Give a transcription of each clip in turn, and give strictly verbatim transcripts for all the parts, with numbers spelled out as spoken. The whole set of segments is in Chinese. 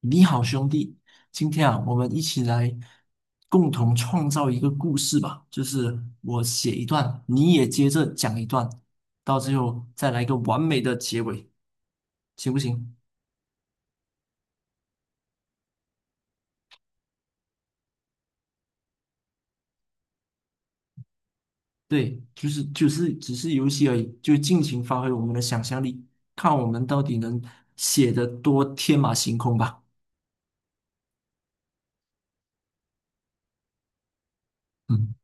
你好，兄弟，今天啊，我们一起来共同创造一个故事吧。就是我写一段，你也接着讲一段，到最后再来一个完美的结尾，行不行？对，就是就是只是游戏而已，就尽情发挥我们的想象力，看我们到底能写得多天马行空吧。嗯。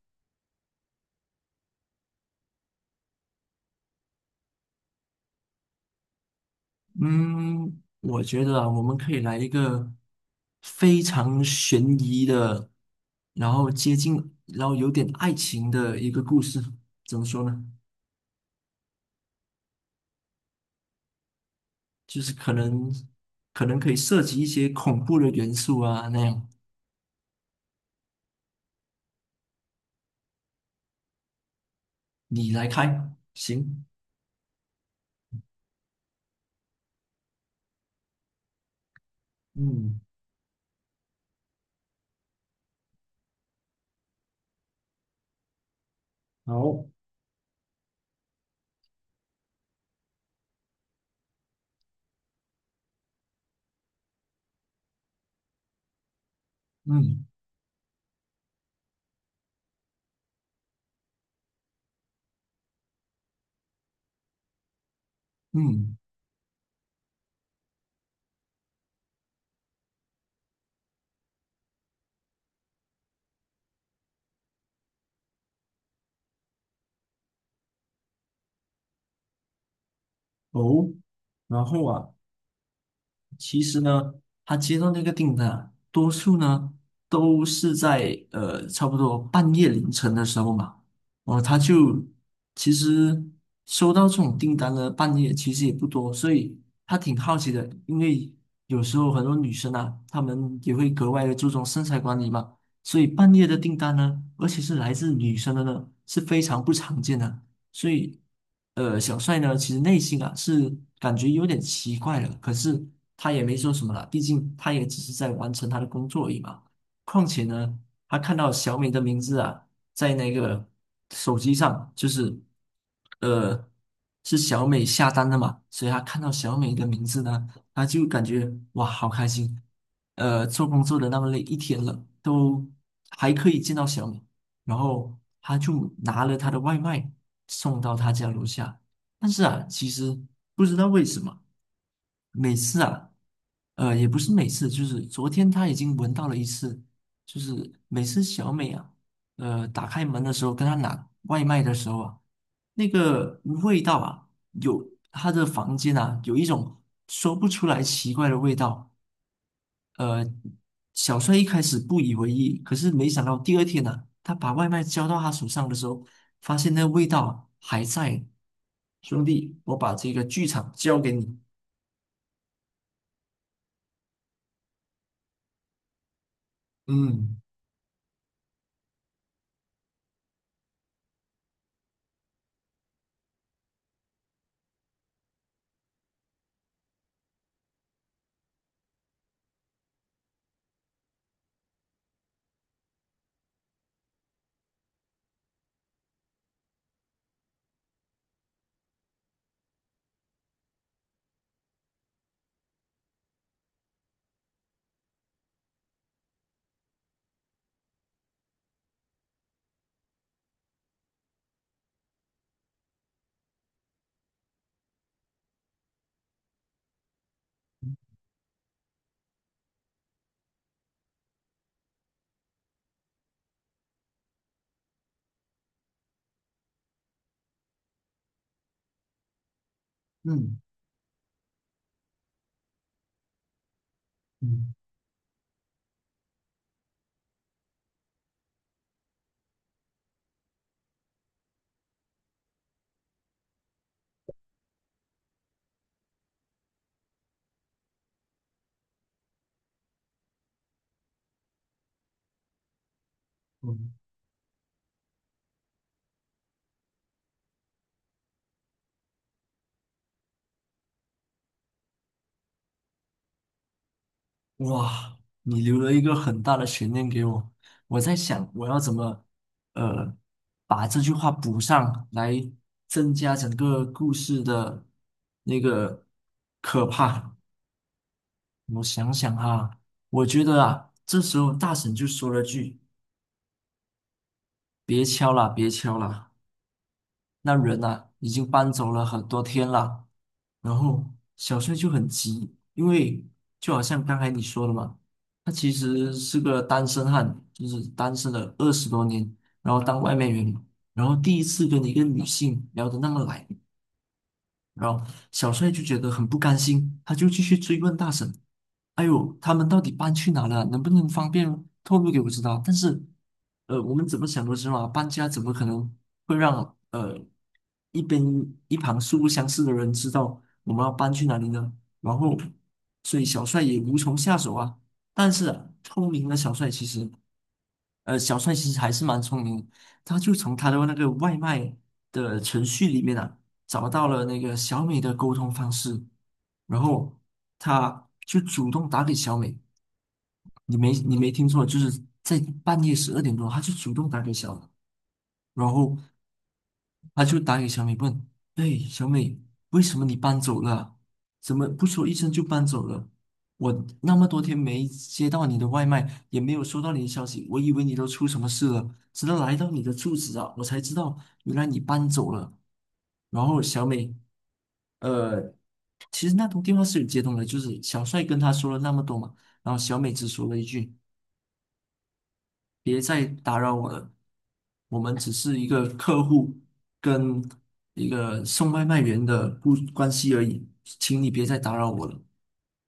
嗯，我觉得啊，我们可以来一个非常悬疑的，然后接近，然后有点爱情的一个故事。怎么说呢？就是可能可能可以涉及一些恐怖的元素啊，那样。你来开，行。嗯，好，嗯嗯，哦，然后啊，其实呢，他接到那个订单啊多数呢都是在呃差不多半夜凌晨的时候嘛。哦，他就其实收到这种订单呢，半夜其实也不多，所以他挺好奇的，因为有时候很多女生啊，她们也会格外的注重身材管理嘛，所以半夜的订单呢，而且是来自女生的呢，是非常不常见的，所以。呃，小帅呢，其实内心啊是感觉有点奇怪了，可是他也没说什么了，毕竟他也只是在完成他的工作而已嘛。况且呢，他看到小美的名字啊，在那个手机上，就是呃，是小美下单的嘛，所以他看到小美的名字呢，他就感觉哇，好开心。呃，做工作的那么累一天了，都还可以见到小美，然后他就拿了他的外卖送到他家楼下。但是啊，其实不知道为什么，每次啊，呃，也不是每次，就是昨天他已经闻到了一次，就是每次小美啊，呃，打开门的时候跟他拿外卖的时候啊，那个味道啊，有他的房间啊，有一种说不出来奇怪的味道。呃，小帅一开始不以为意，可是没想到第二天呢、他把外卖交到他手上的时候，发现那个味道还在。兄弟，我把这个剧场交给你。嗯嗯嗯嗯，哇，你留了一个很大的悬念给我。我在想，我要怎么呃把这句话补上来，增加整个故事的那个可怕。我想想哈，我觉得啊，这时候大婶就说了句：“别敲了，别敲了，那人啊已经搬走了很多天了。”然后小帅就很急，因为就好像刚才你说的嘛，他其实是个单身汉，就是单身了二十多年，然后当外卖员嘛，然后第一次跟一个女性聊得那么来，然后小帅就觉得很不甘心，他就继续追问大婶：“哎呦，他们到底搬去哪了？能不能方便透露给我知道？”但是，呃，我们怎么想都知道啊，搬家怎么可能会让呃一边一旁素不相识的人知道我们要搬去哪里呢？然后，所以小帅也无从下手啊。但是啊聪明的小帅其实呃，小帅其实还是蛮聪明，他就从他的那个外卖的程序里面啊，找到了那个小美的沟通方式，然后他就主动打给小美，你没你没听错，就是在半夜十二点多，他就主动打给小美，然后他就打给小美问：“哎，小美，为什么你搬走了？怎么不说一声就搬走了？我那么多天没接到你的外卖，也没有收到你的消息，我以为你都出什么事了。直到来到你的住址啊，我才知道原来你搬走了。”然后小美，呃，其实那通电话是有接通的，就是小帅跟他说了那么多嘛，然后小美只说了一句。别再打扰我了，我们只是一个客户跟一个送外卖员的不关系而已，请你别再打扰我了。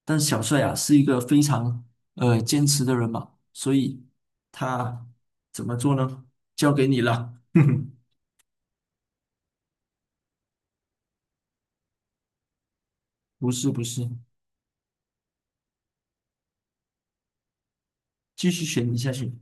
但小帅啊是一个非常呃坚持的人嘛，所以他怎么做呢？交给你了。不是不是，继续选你下去。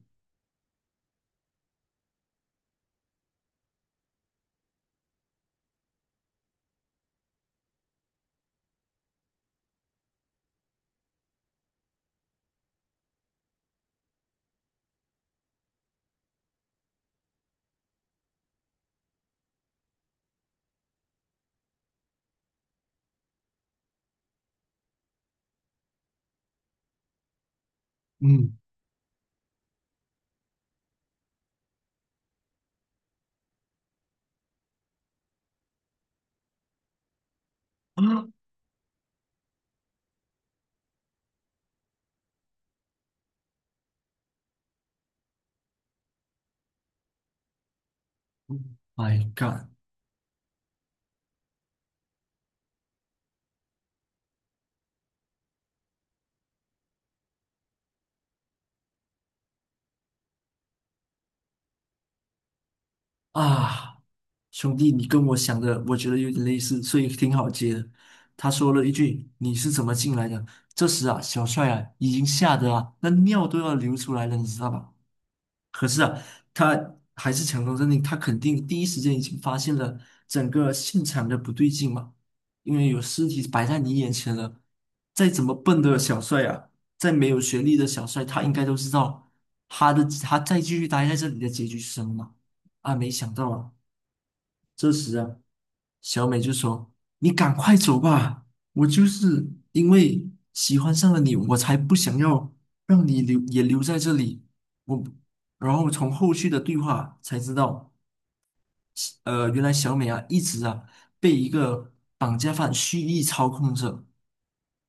嗯啊 ，My God！啊，兄弟，你跟我想的，我觉得有点类似，所以挺好接的。他说了一句：“你是怎么进来的？”这时啊，小帅啊，已经吓得啊，那尿都要流出来了，你知道吧？可是啊，他还是强装镇定，他肯定第一时间已经发现了整个现场的不对劲嘛，因为有尸体摆在你眼前了。再怎么笨的小帅啊，再没有学历的小帅，他应该都知道他的他再继续待在这里的结局是什么嘛。啊，没想到啊。这时啊，小美就说：“你赶快走吧，我就是因为喜欢上了你，我才不想要让你留也留在这里。”我，然后从后续的对话才知道，呃，原来小美啊一直啊被一个绑架犯蓄意操控着。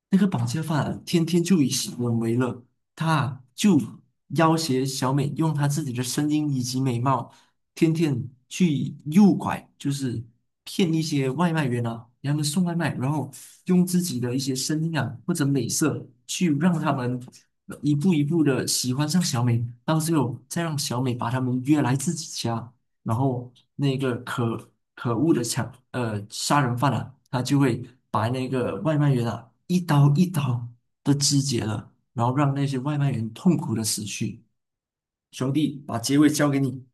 那个绑架犯天天就以行闻为乐，他就要挟小美用他自己的声音以及美貌，天天去诱拐，就是骗一些外卖员啊，给他们送外卖，然后用自己的一些声音啊或者美色去让他们一步一步的喜欢上小美，到最后再让小美把他们约来自己家。然后那个可可恶的抢呃杀人犯啊，他就会把那个外卖员啊一刀一刀的肢解了，然后让那些外卖员痛苦的死去。兄弟，把结尾交给你。